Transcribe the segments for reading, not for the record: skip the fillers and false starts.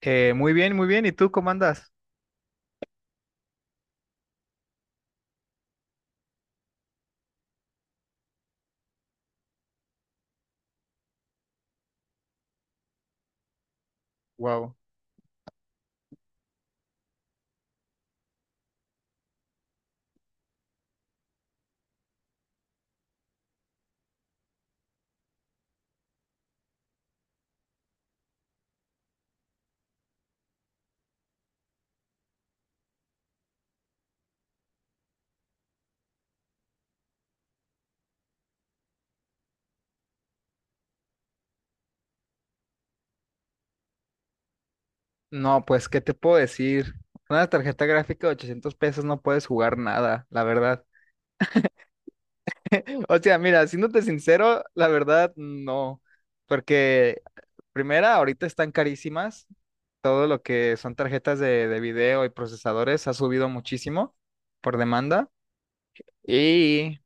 Muy bien, muy bien. ¿Y tú cómo andas? Wow. No, pues, ¿qué te puedo decir? Una tarjeta gráfica de 800 pesos no puedes jugar nada, la verdad. O sea, mira, siéndote sincero, la verdad, no. Porque, primera, ahorita están carísimas. Todo lo que son tarjetas de video y procesadores ha subido muchísimo por demanda. Y,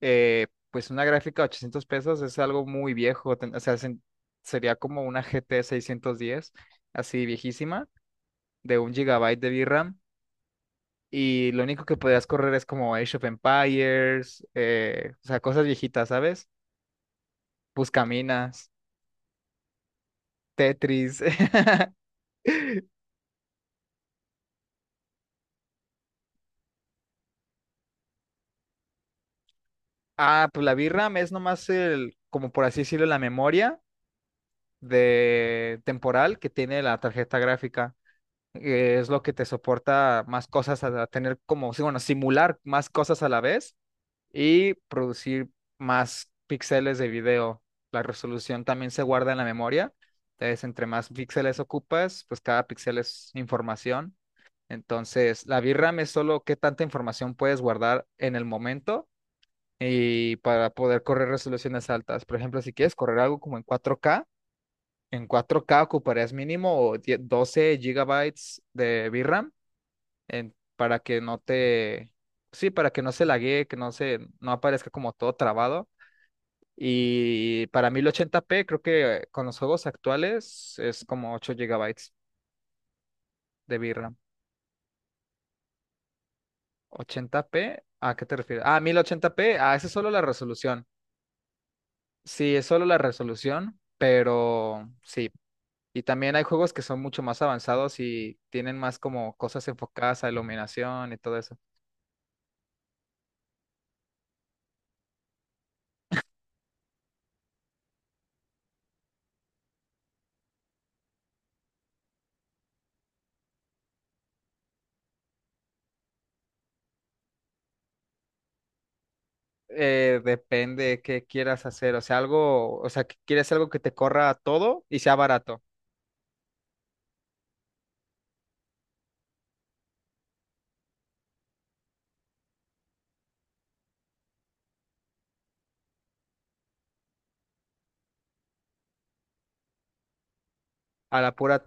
pues, una gráfica de 800 pesos es algo muy viejo. O sea, sería como una G T 610, así viejísima. De un gigabyte de VRAM, y lo único que podías correr es como Age of Empires, o sea, cosas viejitas, ¿sabes? Buscaminas, Tetris. Ah, pues la VRAM es nomás el, como por así decirlo, la memoria de temporal que tiene la tarjeta gráfica. Es lo que te soporta más cosas a tener como, sí, bueno, simular más cosas a la vez y producir más píxeles de video. La resolución también se guarda en la memoria. Entonces, entre más píxeles ocupas, pues cada píxel es información. Entonces, la VRAM es solo qué tanta información puedes guardar en el momento y para poder correr resoluciones altas. Por ejemplo, si quieres correr algo como en 4K, en 4K ocuparías mínimo 12 gigabytes de VRAM para que no te, sí, para que no se laguee, que no se, no aparezca como todo trabado. Y para 1080p, creo que con los juegos actuales es como 8 gigabytes de VRAM. 80p, ¿a qué te refieres? Ah, 1080p, ah, esa es solo la resolución. Sí, es solo la resolución, pero sí. Y también hay juegos que son mucho más avanzados y tienen más como cosas enfocadas a iluminación y todo eso. Depende qué quieras hacer, o sea, algo, o sea, que quieres algo que te corra todo y sea barato, a la pura,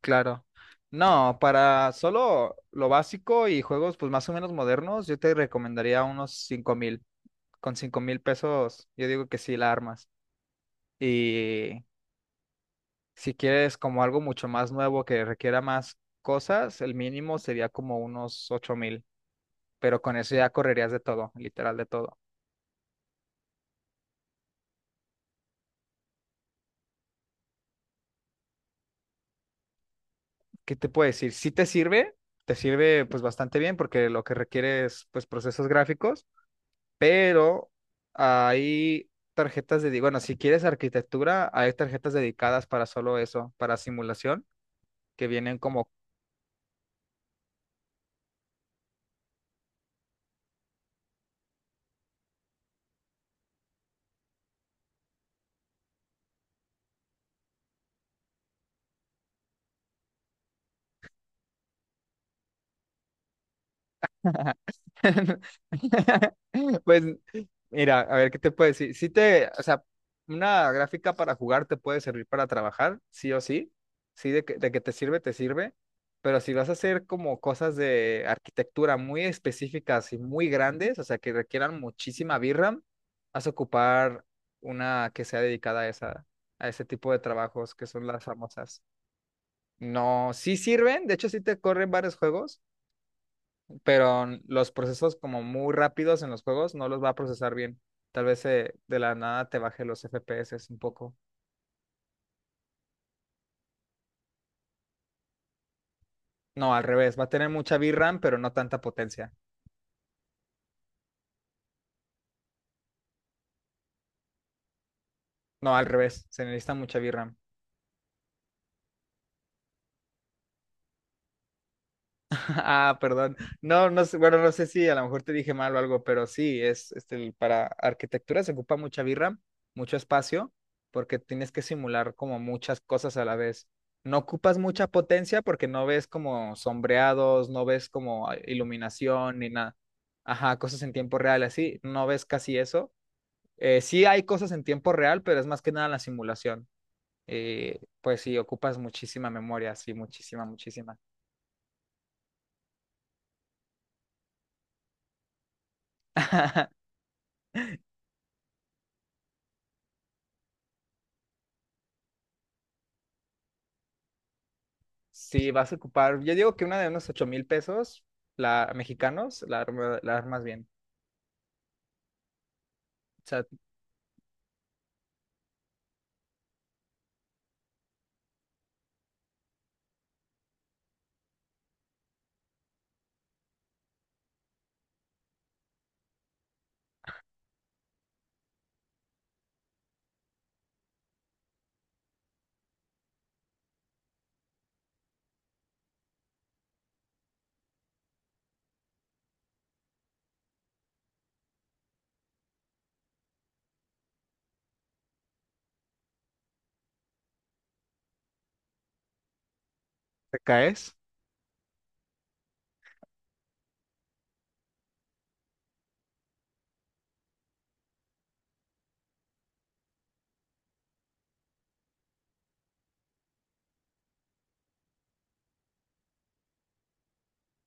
claro. No, para solo lo básico y juegos pues más o menos modernos, yo te recomendaría unos cinco mil. Con cinco mil pesos, yo digo que sí la armas. Y si quieres como algo mucho más nuevo que requiera más cosas, el mínimo sería como unos ocho mil, pero con eso ya correrías de todo, literal de todo. ¿Qué te puedo decir? Sí te sirve pues bastante bien porque lo que requiere es pues procesos gráficos, pero hay tarjetas de, bueno, si quieres arquitectura, hay tarjetas dedicadas para solo eso, para simulación, que vienen como pues mira, a ver qué te puedo decir. Si te, o sea, una gráfica para jugar te puede servir para trabajar, sí o sí. Sí, de que te sirve, te sirve. Pero si vas a hacer como cosas de arquitectura muy específicas y muy grandes, o sea, que requieran muchísima VRAM, vas a ocupar una que sea dedicada a esa, a ese tipo de trabajos que son las famosas. No, sí sirven, de hecho sí te corren varios juegos, pero los procesos como muy rápidos en los juegos no los va a procesar bien. Tal vez de la nada te baje los FPS un poco. No, al revés, va a tener mucha VRAM, pero no tanta potencia. No, al revés, se necesita mucha VRAM. Ah, perdón. No, no sé, bueno, no sé si a lo mejor te dije mal o algo, pero sí, es este, para arquitectura se ocupa mucha birra, mucho espacio, porque tienes que simular como muchas cosas a la vez. No ocupas mucha potencia porque no ves como sombreados, no ves como iluminación ni nada. Ajá, cosas en tiempo real, así, no ves casi eso. Sí hay cosas en tiempo real, pero es más que nada la simulación. Pues sí, ocupas muchísima memoria, sí, muchísima, muchísima. Si vas a ocupar, yo digo que una de unos 8 mil pesos, la mexicanos, la, la armas bien. O sea, te caes.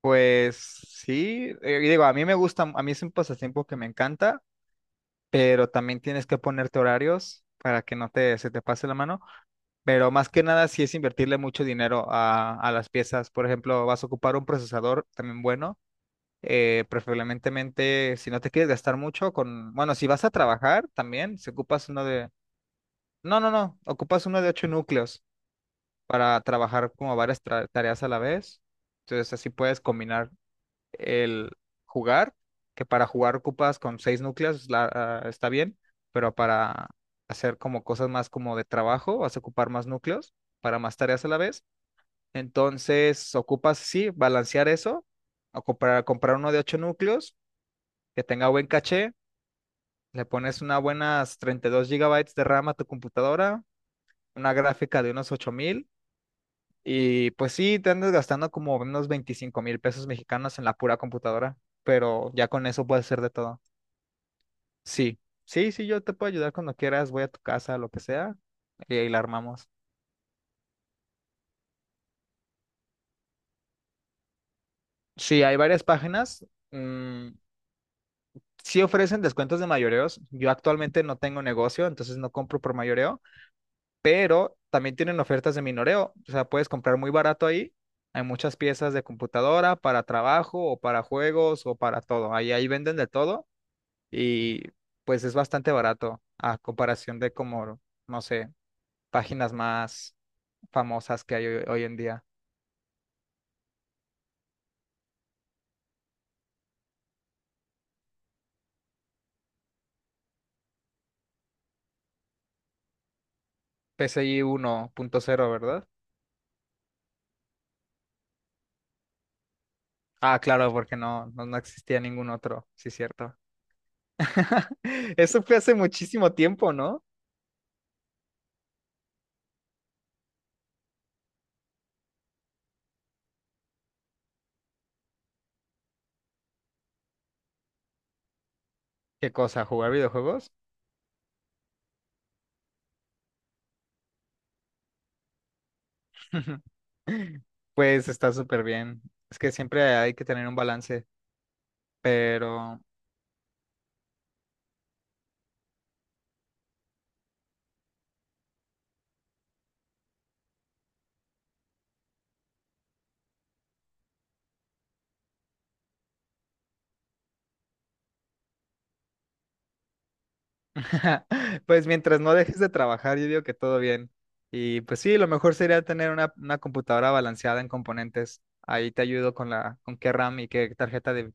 Pues sí, y digo, a mí me gusta, a mí es un pasatiempo que me encanta, pero también tienes que ponerte horarios para que no te, se te pase la mano. Pero más que nada, sí es invertirle mucho dinero a las piezas. Por ejemplo, vas a ocupar un procesador también bueno. Preferiblemente, si no te quieres gastar mucho, con, bueno, si vas a trabajar también, si ocupas uno de no, no, no. Ocupas uno de ocho núcleos para trabajar como varias tareas a la vez. Entonces así puedes combinar el jugar, que para jugar ocupas con seis núcleos, ah, está bien, pero para hacer como cosas más como de trabajo, vas a ocupar más núcleos para más tareas a la vez. Entonces ocupas, sí, balancear eso, o comprar uno de ocho núcleos que tenga buen caché, le pones una buenas 32 gigabytes de RAM a tu computadora, una gráfica de unos 8000. Y pues sí, te andas gastando como unos 25 mil pesos mexicanos en la pura computadora, pero ya con eso puedes hacer de todo. Sí, sí, sí, yo te puedo ayudar cuando quieras, voy a tu casa, lo que sea, y ahí la armamos. Sí, hay varias páginas. mm, sí ofrecen descuentos de mayoreos. Yo actualmente no tengo negocio, entonces no compro por mayoreo, pero también tienen ofertas de minoreo. O sea, puedes comprar muy barato ahí. Hay muchas piezas de computadora para trabajo o para juegos o para todo. Ahí venden de todo y pues es bastante barato a comparación de como, no sé, páginas más famosas que hay hoy en día. P C I uno punto cero, ¿verdad? Ah, claro, porque no existía ningún otro, sí, cierto. Eso fue hace muchísimo tiempo, ¿no? ¿Qué cosa? ¿Jugar videojuegos? Pues está súper bien. Es que siempre hay que tener un balance, pero pues mientras no dejes de trabajar, yo digo que todo bien. Y pues sí, lo mejor sería tener una computadora balanceada en componentes. Ahí te ayudo con la, con qué RAM y qué tarjeta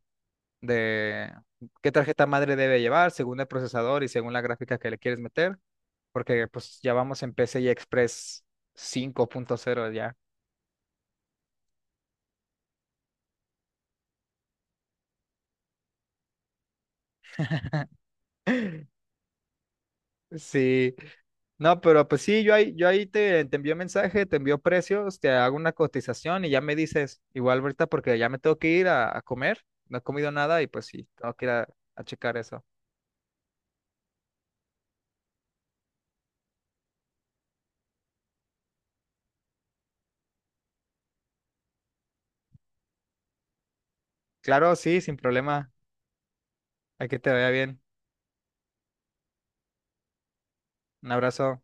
de- qué tarjeta madre debe llevar, según el procesador y según la gráfica que le quieres meter, porque pues ya vamos en PCI Express cinco punto cero ya. Sí, no, pero pues sí, yo ahí te, te envío mensaje, te envío precios, te hago una cotización y ya me dices, igual ahorita porque ya me tengo que ir a comer, no he comido nada y pues sí, tengo que ir a checar eso. Claro, sí, sin problema. Aquí te vaya bien. Un abrazo.